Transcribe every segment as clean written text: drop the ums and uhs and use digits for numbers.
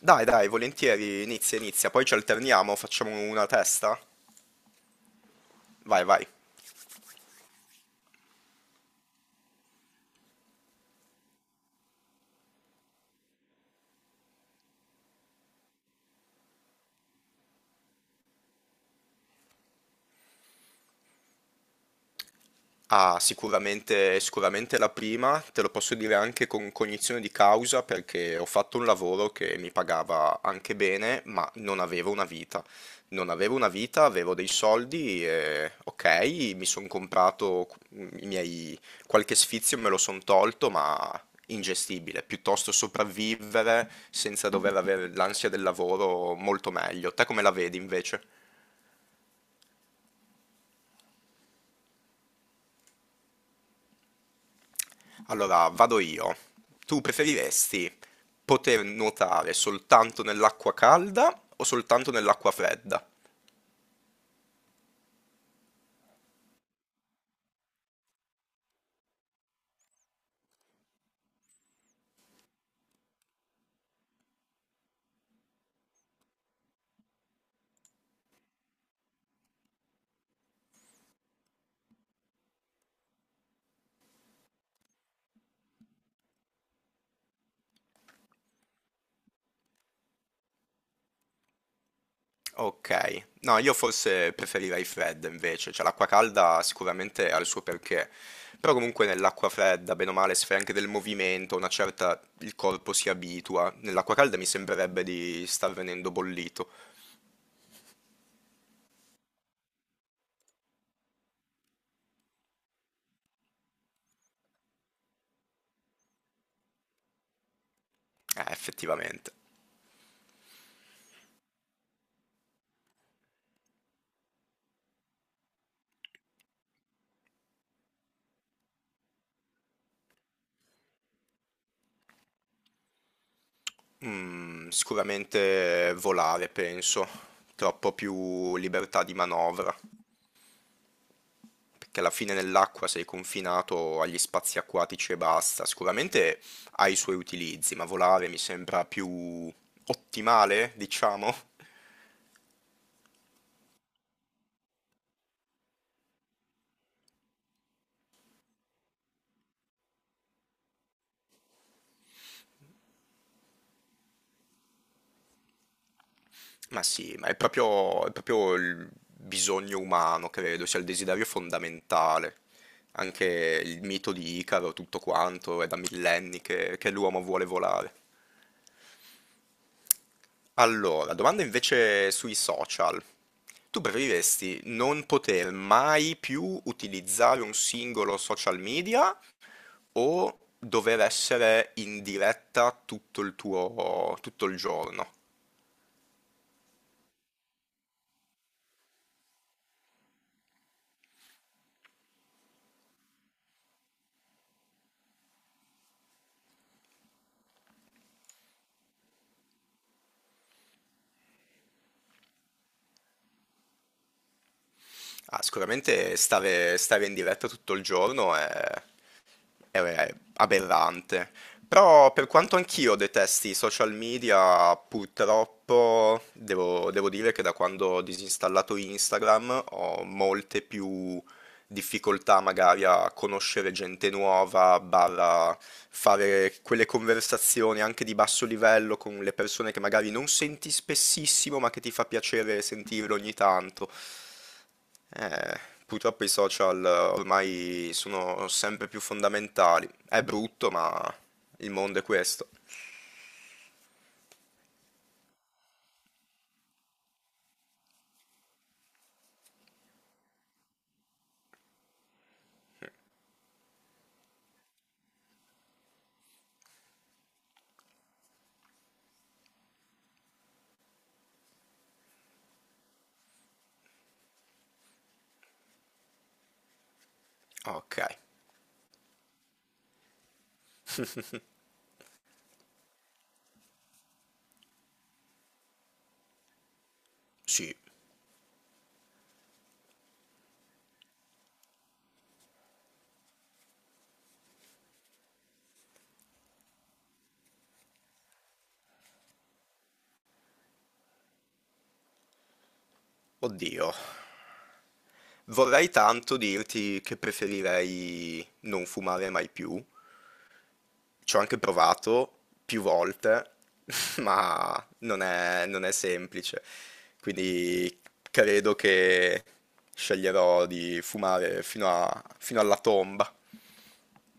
Dai, dai, volentieri, inizia, inizia, poi ci alterniamo, facciamo una testa. Vai, vai. Ah, sicuramente, sicuramente la prima, te lo posso dire anche con cognizione di causa perché ho fatto un lavoro che mi pagava anche bene, ma non avevo una vita. Non avevo una vita, avevo dei soldi e ok, mi sono comprato i miei qualche sfizio me lo sono tolto, ma ingestibile, piuttosto sopravvivere senza dover avere l'ansia del lavoro molto meglio. Te come la vedi invece? Allora, vado io. Tu preferiresti poter nuotare soltanto nell'acqua calda o soltanto nell'acqua fredda? Ok, no, io forse preferirei fredda invece, cioè l'acqua calda sicuramente ha il suo perché, però comunque nell'acqua fredda, bene o male, se fai anche del movimento, una certa, il corpo si abitua, nell'acqua calda mi sembrerebbe di star venendo bollito. Effettivamente. Mm, sicuramente volare, penso, troppo più libertà di manovra. Perché alla fine nell'acqua sei confinato agli spazi acquatici e basta. Sicuramente ha i suoi utilizzi, ma volare mi sembra più ottimale, diciamo. Ma sì, ma è proprio il bisogno umano, credo, sia il desiderio fondamentale. Anche il mito di Icaro, tutto quanto, è da millenni che l'uomo vuole volare. Allora, domanda invece sui social. Tu preferiresti non poter mai più utilizzare un singolo social media o dover essere in diretta tutto il tuo, tutto il giorno? Ah, sicuramente stare, stare in diretta tutto il giorno è è aberrante. Però per quanto anch'io detesti i social media, purtroppo devo, devo dire che da quando ho disinstallato Instagram ho molte più difficoltà magari a conoscere gente nuova, barra fare quelle conversazioni anche di basso livello con le persone che magari non senti spessissimo, ma che ti fa piacere sentirle ogni tanto. Eh, Purtroppo i social ormai sono sempre più fondamentali. È brutto, ma il mondo è questo. Ok, sì, oddio. Vorrei tanto dirti che preferirei non fumare mai più, ci ho anche provato più volte, ma non è, non è semplice. Quindi credo che sceglierò di fumare fino alla tomba.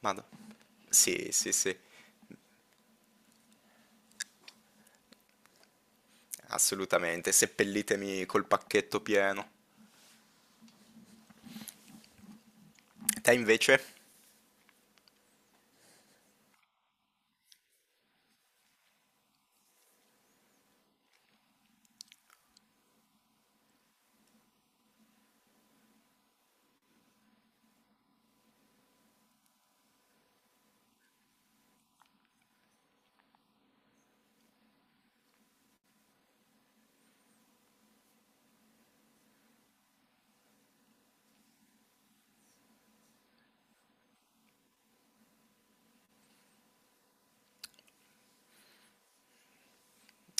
Madò. Sì, sì, sì, assolutamente. Seppellitemi col pacchetto pieno. Te invece?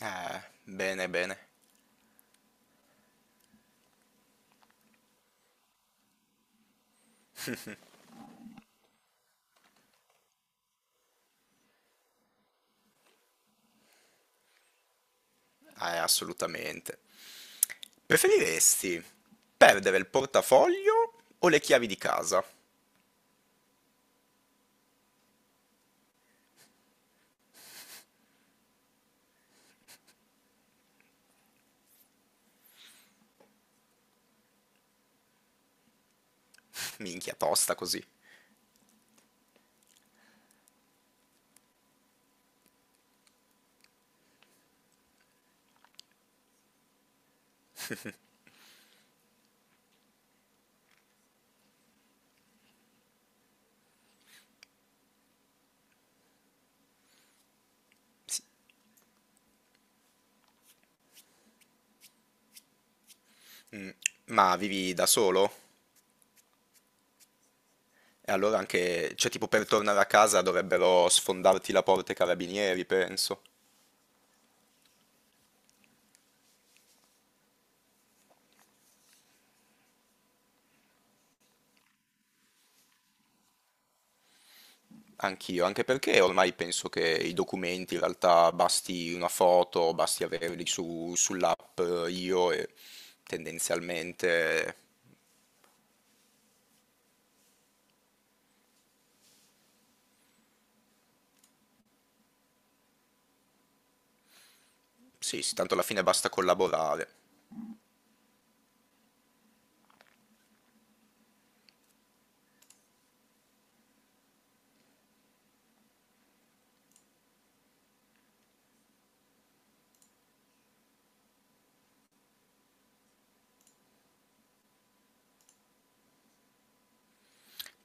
Bene, bene. Assolutamente. Preferiresti perdere il portafoglio o le chiavi di casa? Minchia, tosta così. Mm, ma vivi da solo? E allora anche, cioè tipo per tornare a casa dovrebbero sfondarti la porta i carabinieri, penso. Anch'io, anche perché ormai penso che i documenti in realtà basti una foto, basti averli sull'app io e tendenzialmente sì, sì, tanto alla fine basta collaborare.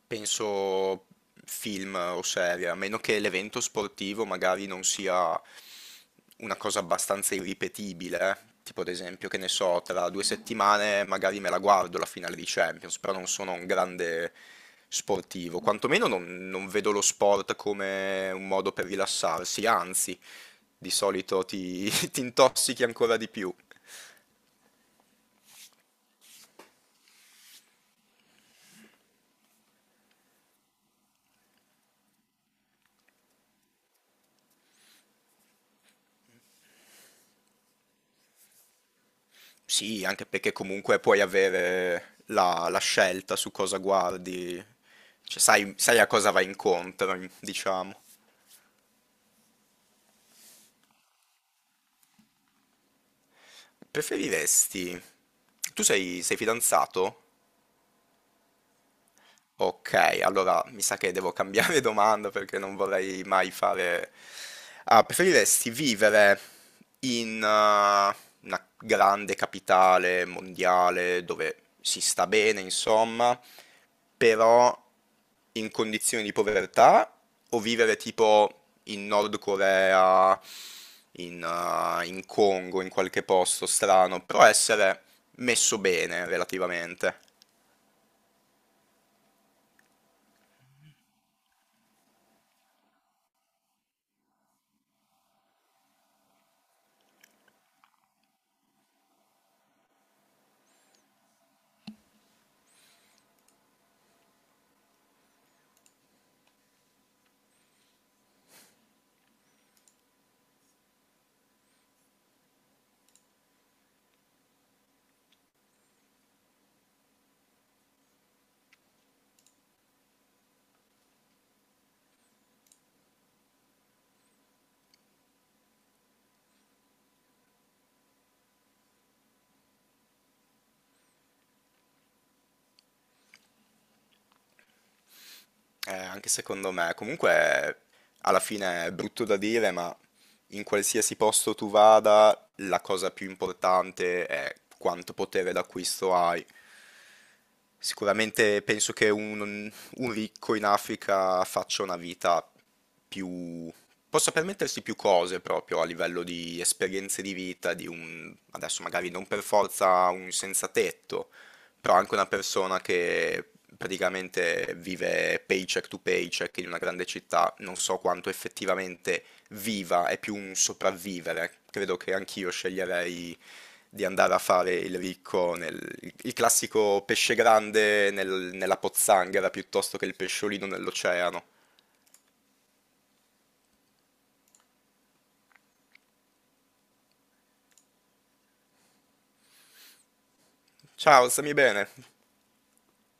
Penso film o serie, a meno che l'evento sportivo magari non sia una cosa abbastanza irripetibile, eh. Tipo ad esempio, che ne so, tra 2 settimane magari me la guardo la finale di Champions, però non sono un grande sportivo, quantomeno non, non vedo lo sport come un modo per rilassarsi, anzi, di solito ti, ti intossichi ancora di più. Sì, anche perché comunque puoi avere la, la scelta su cosa guardi, cioè sai, sai a cosa vai incontro, diciamo. Preferiresti... Tu sei, sei fidanzato? Ok, allora mi sa che devo cambiare domanda perché non vorrei mai fare... Ah, preferiresti vivere in una grande capitale mondiale dove si sta bene, insomma, però in condizioni di povertà o vivere tipo in Nord Corea, in, in Congo, in qualche posto strano, però essere messo bene relativamente? Anche secondo me, comunque alla fine è brutto da dire, ma in qualsiasi posto tu vada, la cosa più importante è quanto potere d'acquisto hai. Sicuramente penso che un ricco in Africa faccia una vita più... possa permettersi più cose proprio a livello di esperienze di vita, di un... adesso magari non per forza un senza tetto, però anche una persona che praticamente vive paycheck to paycheck in una grande città, non so quanto effettivamente viva, è più un sopravvivere. Credo che anch'io sceglierei di andare a fare il ricco, nel, il classico pesce grande nella pozzanghera piuttosto che il pesciolino nell'oceano. Ciao, stammi bene?